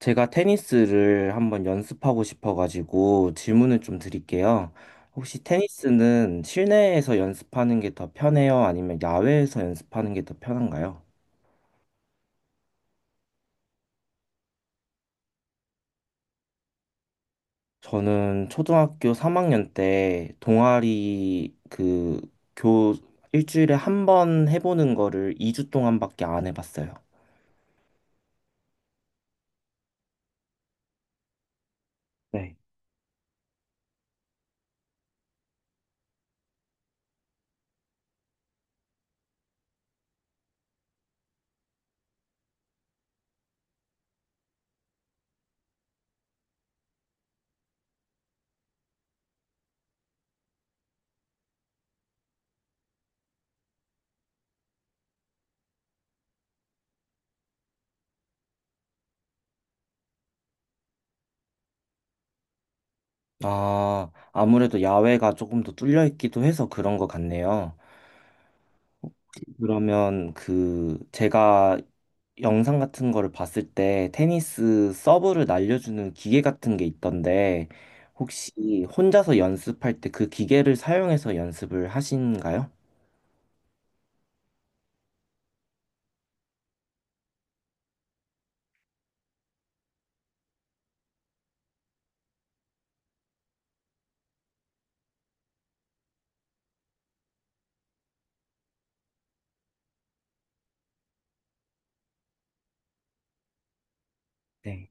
제가 테니스를 한번 연습하고 싶어가지고 질문을 좀 드릴게요. 혹시 테니스는 실내에서 연습하는 게 더 편해요? 아니면 야외에서 연습하는 게 더 편한가요? 저는 초등학교 3학년 때 동아리 그 교 일주일에 한 번 해보는 거를 2주 동안밖에 안 해봤어요. 네. 아, 아무래도 야외가 조금 더 뚫려 있기도 해서 그런 것 같네요. 그러면 그 제가 영상 같은 거를 봤을 때 테니스 서브를 날려주는 기계 같은 게 있던데 혹시 혼자서 연습할 때 그 기계를 사용해서 연습을 하신가요? 네.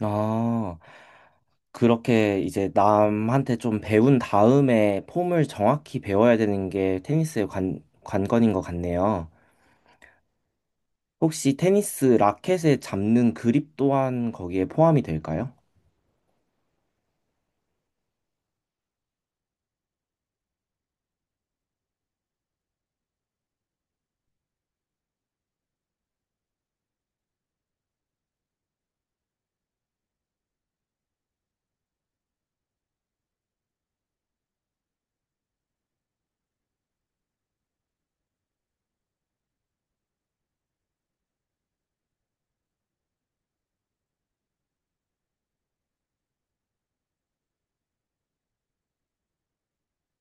아, 그렇게 이제 남한테 좀 배운 다음에 폼을 정확히 배워야 되는 게 테니스의 관건인 것 같네요. 혹시 테니스 라켓에 잡는 그립 또한 거기에 포함이 될까요?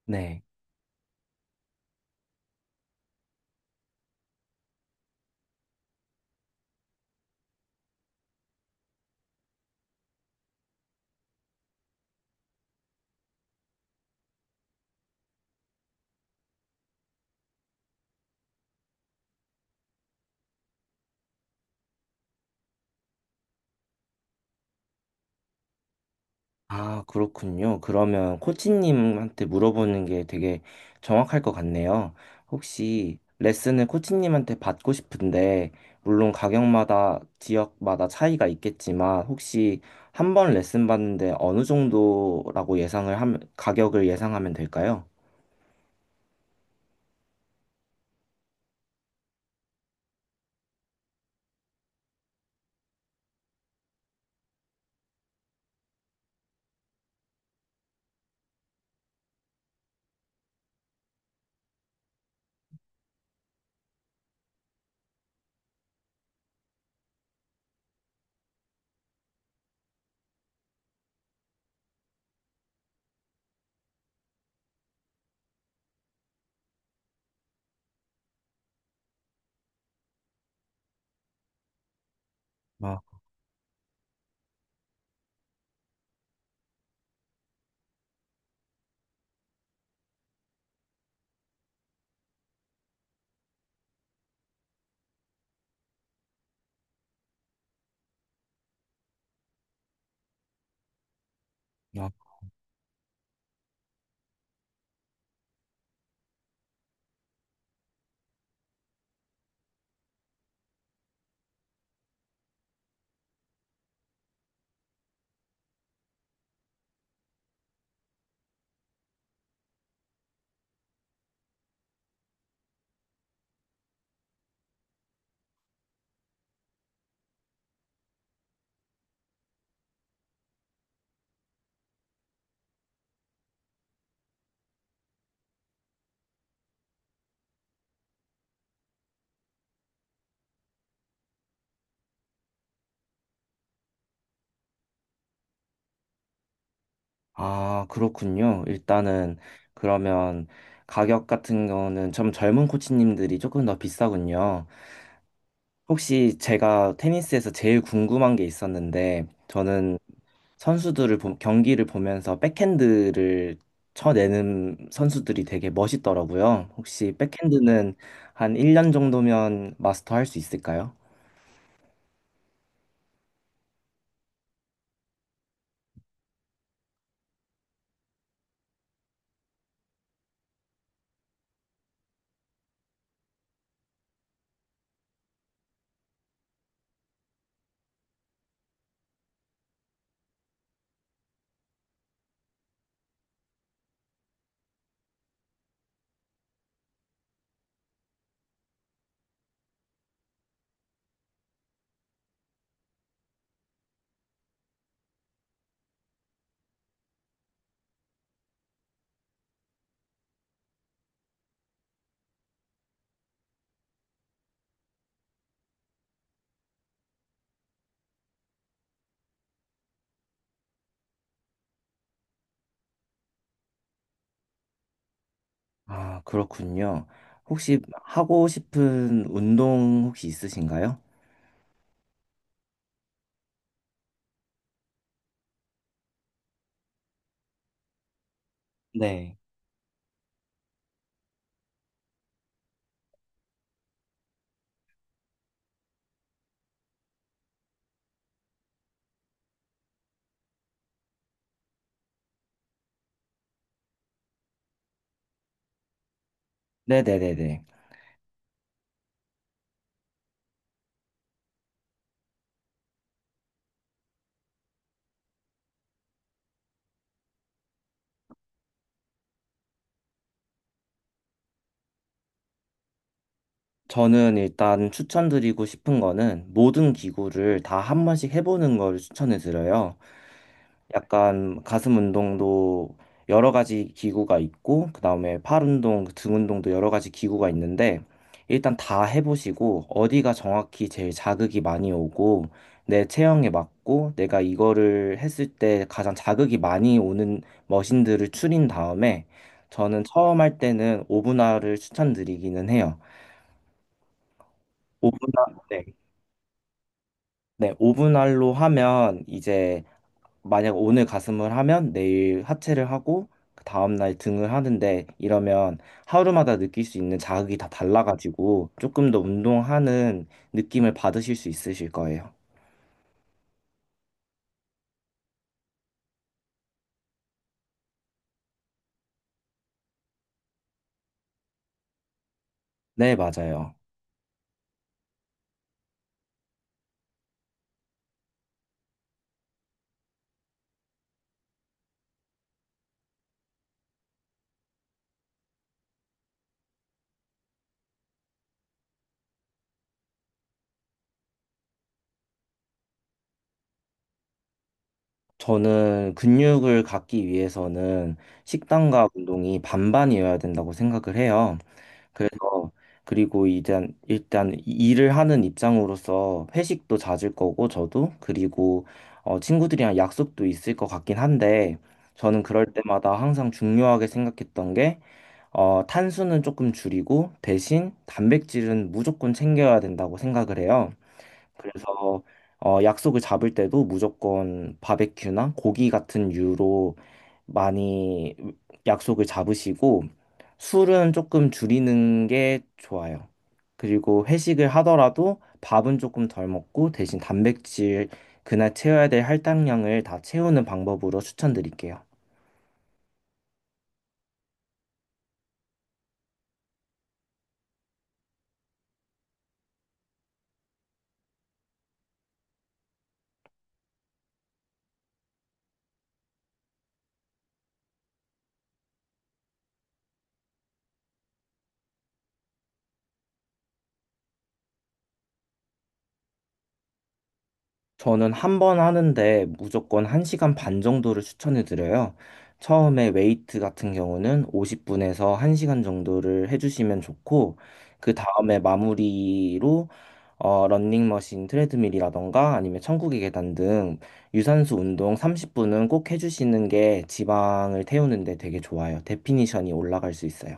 네. 아, 그렇군요. 그러면 코치님한테 물어보는 게 되게 정확할 것 같네요. 혹시 레슨을 코치님한테 받고 싶은데, 물론 가격마다 지역마다 차이가 있겠지만, 혹시 한 번 레슨 받는데 어느 정도라고 예상을 하면, 가격을 예상하면 될까요? 아, 아, 아, 그렇군요. 일단은 그러면 가격 같은 거는 좀 젊은 코치님들이 조금 더 비싸군요. 혹시 제가 테니스에서 제일 궁금한 게 있었는데, 저는 선수들을, 경기를 보면서 백핸드를 쳐내는 선수들이 되게 멋있더라고요. 혹시 백핸드는 한 1년 정도면 마스터할 수 있을까요? 아, 그렇군요. 혹시 하고 싶은 운동 혹시 있으신가요? 네. 네네네네. 저는 일단 추천드리고 싶은 거는 모든 기구를 다 한 번씩 해보는 걸 추천해 드려요. 약간 가슴 운동도 여러 가지 기구가 있고, 그 다음에 팔 운동, 그 등 운동도 여러 가지 기구가 있는데, 일단 다 해보시고, 어디가 정확히 제일 자극이 많이 오고, 내 체형에 맞고, 내가 이거를 했을 때 가장 자극이 많이 오는 머신들을 추린 다음에, 저는 처음 할 때는 오분할을 추천드리기는 해요. 오분할, 네. 네, 오분할로 하면 이제 만약 오늘 가슴을 하면 내일 하체를 하고 그 다음날 등을 하는데 이러면 하루마다 느낄 수 있는 자극이 다 달라가지고 조금 더 운동하는 느낌을 받으실 수 있으실 거예요. 네, 맞아요. 저는 근육을 갖기 위해서는 식단과 운동이 반반이어야 된다고 생각을 해요. 그래서 그리고 이제 일단 일을 하는 입장으로서 회식도 잦을 거고 저도 그리고 친구들이랑 약속도 있을 것 같긴 한데 저는 그럴 때마다 항상 중요하게 생각했던 게 탄수는 조금 줄이고 대신 단백질은 무조건 챙겨야 된다고 생각을 해요. 그래서 약속을 잡을 때도 무조건 바베큐나 고기 같은 유로 많이 약속을 잡으시고 술은 조금 줄이는 게 좋아요. 그리고 회식을 하더라도 밥은 조금 덜 먹고 대신 단백질 그날 채워야 될 할당량을 다 채우는 방법으로 추천드릴게요. 저는 한 번 하는데 무조건 1시간 반 정도를 추천해 드려요. 처음에 웨이트 같은 경우는 50분에서 1시간 정도를 해주시면 좋고, 그 다음에 마무리로 런닝머신 트레드밀이라던가 아니면 천국의 계단 등 유산소 운동 30분은 꼭 해주시는 게 지방을 태우는데 되게 좋아요. 데피니션이 올라갈 수 있어요.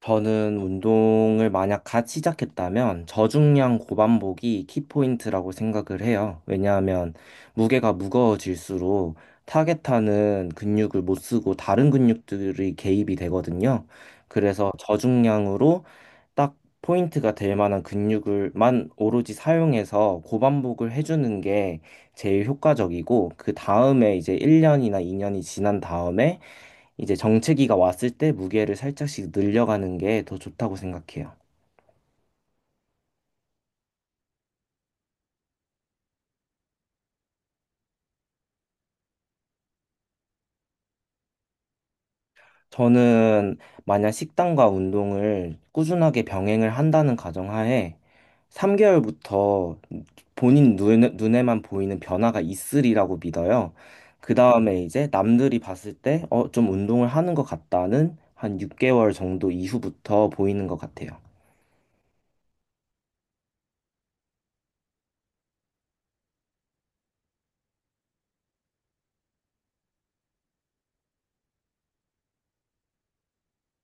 저는 운동을 만약 갓 시작했다면 저중량 고반복이 키포인트라고 생각을 해요. 왜냐하면 무게가 무거워질수록 타겟하는 근육을 못 쓰고 다른 근육들이 개입이 되거든요. 그래서 저중량으로 딱 포인트가 될 만한 근육을만 오로지 사용해서 고반복을 해주는 게 제일 효과적이고, 그 다음에 이제 1년이나 2년이 지난 다음에 이제 정체기가 왔을 때 무게를 살짝씩 늘려가는 게 더 좋다고 생각해요. 저는 만약 식단과 운동을 꾸준하게 병행을 한다는 가정하에 3개월부터 본인 눈에만 보이는 변화가 있으리라고 믿어요. 그 다음에 이제 남들이 봤을 때, 좀 운동을 하는 것 같다는 한 6개월 정도 이후부터 보이는 것 같아요.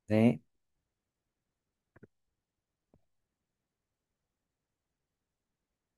네.